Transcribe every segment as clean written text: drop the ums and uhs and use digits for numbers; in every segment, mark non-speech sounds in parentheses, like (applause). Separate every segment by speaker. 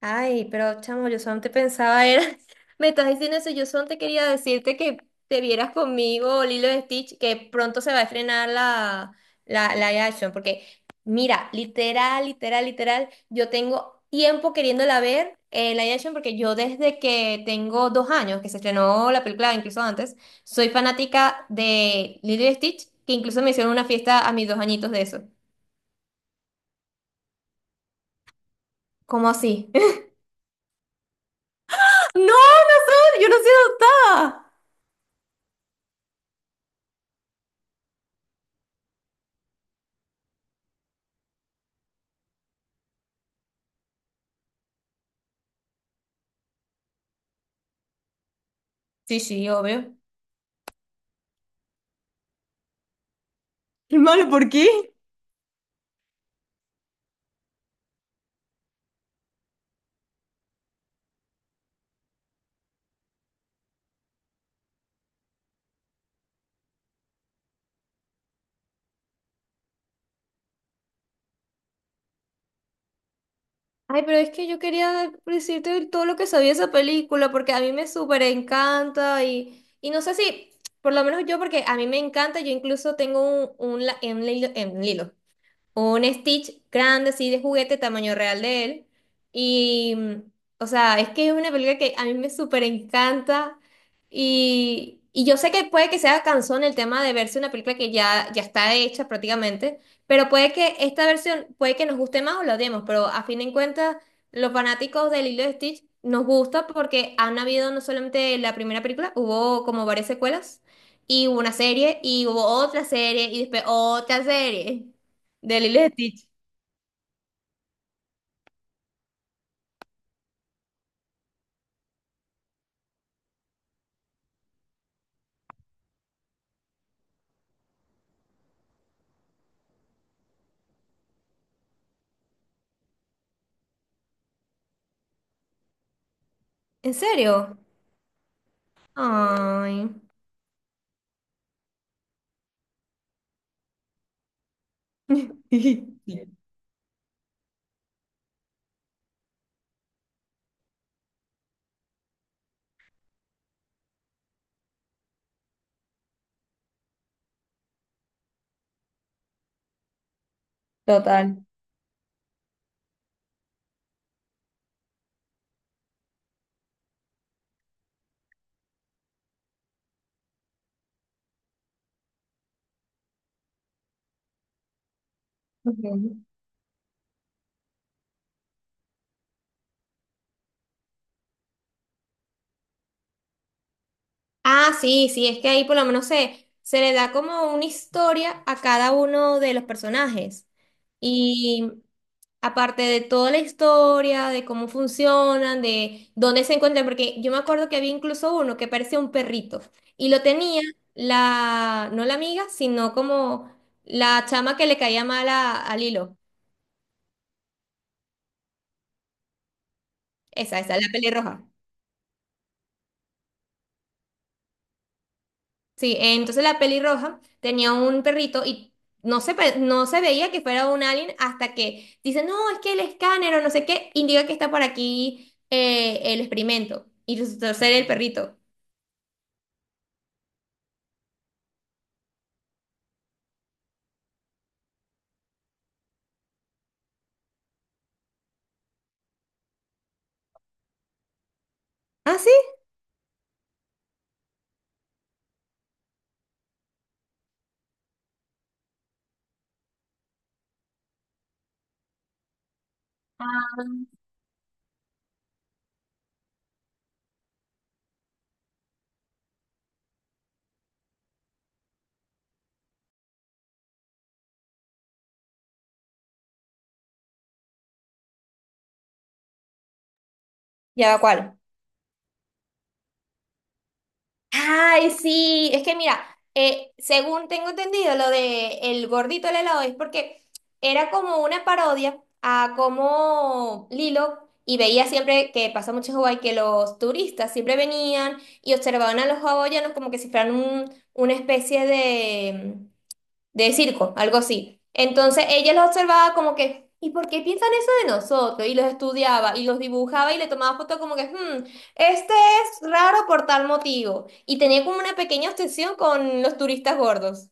Speaker 1: Ay, pero chamo, yo solo te pensaba era, (laughs) me estás diciendo eso, yo solo te quería decirte que te vieras conmigo Lilo y Stitch, que pronto se va a estrenar la live action, porque mira, literal, literal, literal, yo tengo tiempo queriéndola ver, la live action, porque yo desde que tengo 2 años, que se estrenó la película, incluso antes, soy fanática de Lilo y Stitch, que incluso me hicieron una fiesta a mis 2 añitos de eso. ¿Cómo así? (laughs) No, yo no soy adoptada. Sí, sí, obvio. (laughs) Malo, ¿por qué? Ay, pero es que yo quería decirte todo lo que sabía esa película, porque a mí me súper encanta y no sé si, por lo menos yo, porque a mí me encanta, yo incluso tengo un, en Lilo, un Stitch grande, así de juguete, tamaño real de él. Y, o sea, es que es una película que a mí me súper encanta. Y yo sé que puede que sea cansón el tema de verse una película que ya, ya está hecha prácticamente, pero puede que esta versión, puede que nos guste más o la odiemos, pero a fin de cuentas, los fanáticos del Lilo y Stitch nos gusta porque han habido no solamente la primera película, hubo como varias secuelas, y hubo una serie, y hubo otra serie, y después otra serie. De Lilo y Stitch. ¿En serio? Ay. (laughs) Total. Ujú. Ah, sí, sí, es que ahí por lo menos se le da como una historia a cada uno de los personajes. Y aparte de toda la historia, de cómo funcionan, de dónde se encuentran, porque yo me acuerdo que había incluso uno que parecía un perrito y lo tenía la, no la amiga, sino como la chama que le caía mal a Lilo. Esa, la pelirroja. Sí, entonces la pelirroja tenía un perrito y no se veía que fuera un alien hasta que dice, no, es que el escáner o no sé qué indica que está por aquí, el experimento. Y resultó ser el perrito. ¿Ah, sí? Ah, ¿ya va cuál? Ay, sí, es que mira, según tengo entendido, lo de el gordito del helado es porque era como una parodia a cómo Lilo, y veía siempre que pasa mucho en Hawái, que los turistas siempre venían y observaban a los hawaianos como que si fueran una especie de circo, algo así. Entonces ella los observaba como que, ¿y por qué piensan eso de nosotros? Y los estudiaba y los dibujaba y le tomaba fotos como que, este es raro por tal motivo. Y tenía como una pequeña obsesión con los turistas gordos.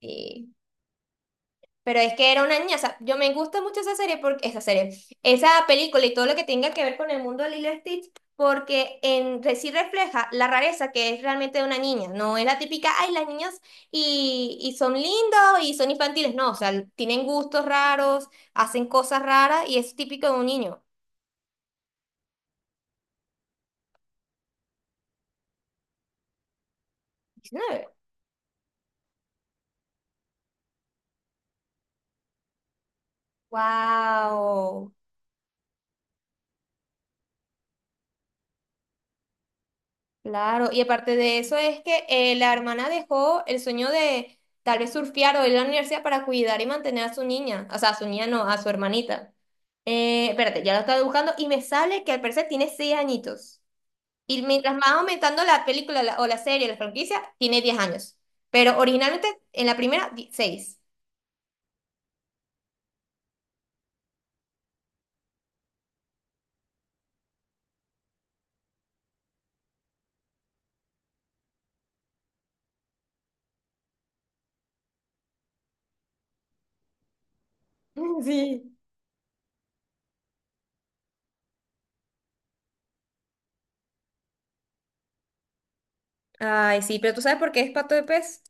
Speaker 1: Sí. Pero es que era una niña, o sea, yo me gusta mucho esa serie, porque, esa serie, esa película y todo lo que tenga que ver con el mundo de Lilo y Stitch, porque sí refleja la rareza que es realmente de una niña, no es la típica, ay, las niñas y son lindos y son infantiles, no, o sea, tienen gustos raros, hacen cosas raras y es típico de un niño. ¿19? ¡Wow! Claro, y aparte de eso es que la hermana dejó el sueño de tal vez surfear o ir a la universidad para cuidar y mantener a su niña, o sea, a su niña no, a su hermanita. Espérate, ya lo estaba buscando y me sale que al parecer tiene 6 añitos. Y mientras más aumentando la película o la serie, la franquicia, tiene 10 años. Pero originalmente en la primera, 6. (laughs) Sí. Ay, sí, pero ¿tú sabes por qué es pato de pez?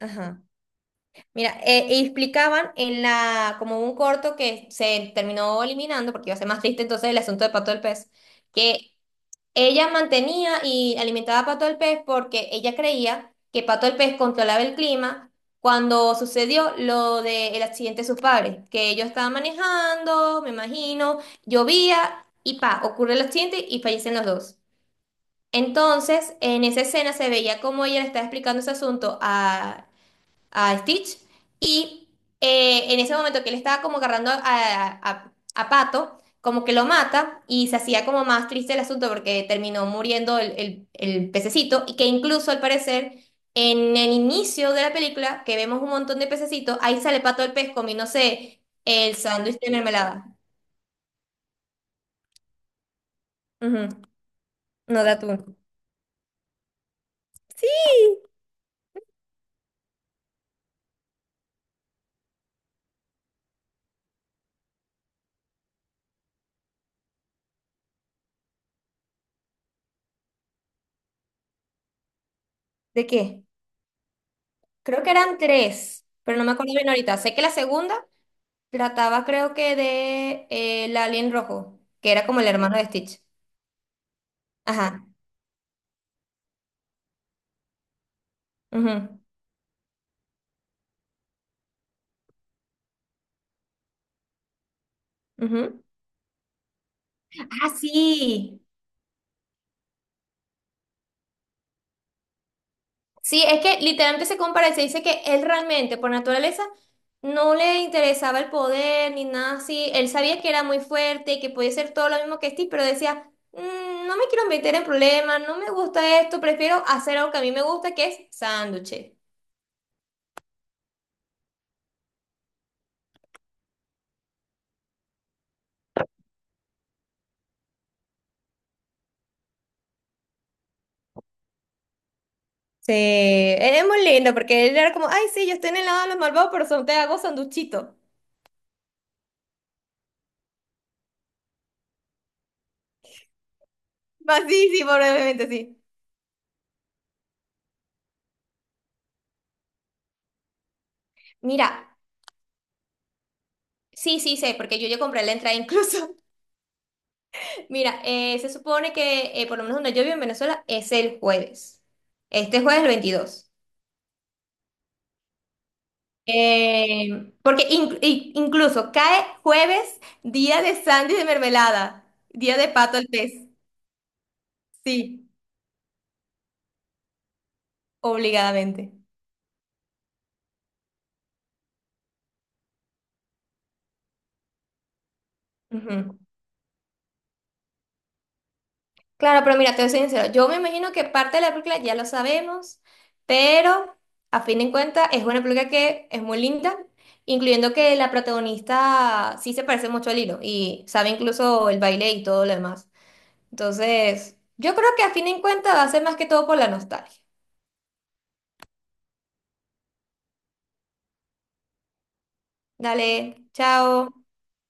Speaker 1: Ajá. Mira, y explicaban en la, como un corto que se terminó eliminando porque iba a ser más triste entonces el asunto de Pato del Pez, que ella mantenía y alimentaba a Pato del Pez porque ella creía que Pato del Pez controlaba el clima cuando sucedió lo del accidente de sus padres, que ellos estaban manejando, me imagino, llovía y pa, ocurre el accidente y fallecen los dos. Entonces, en esa escena se veía como ella le estaba explicando ese asunto a Stitch y en ese momento que él estaba como agarrando a Pato, como que lo mata y se hacía como más triste el asunto porque terminó muriendo el pececito y que incluso al parecer en el inicio de la película que vemos un montón de pececitos, ahí sale Pato el pez comiéndose el sándwich de mermelada. Ujú. No da tú. ¿De qué? Creo que eran tres, pero no me acuerdo bien ahorita. Sé que la segunda... Trataba creo que de el alien rojo, que era como el hermano de Stitch. Ajá. Ujú, ujú. Ah, sí. Sí, es que literalmente se compara y se dice que él realmente, por naturaleza, no le interesaba el poder ni nada así. Él sabía que era muy fuerte y que podía ser todo lo mismo que Stitch, pero decía, no me quiero meter en problemas, no me gusta esto, prefiero hacer algo que a mí me gusta, que es sándwiches. Sí, él es muy lindo porque él era como, ay, sí, yo estoy en el lado de los malvados, pero son, te hago sanduchito. Va, sí, sí, probablemente sí. Mira, sí, sí, sé, porque yo ya compré la entrada incluso. (laughs) Mira, se supone que, por lo menos donde yo vivo en Venezuela, es el jueves. Este jueves el 22. Porque incluso cae jueves, día de sándwich de mermelada, día de pato al pez. Sí, obligadamente. Ujú. Claro, pero mira, te voy a ser sincero. Yo me imagino que parte de la película ya lo sabemos, pero a fin de cuentas es una película que es muy linda, incluyendo que la protagonista sí se parece mucho a Lilo y sabe incluso el baile y todo lo demás. Entonces, yo creo que a fin de cuentas va a ser más que todo por la nostalgia. Dale, chao.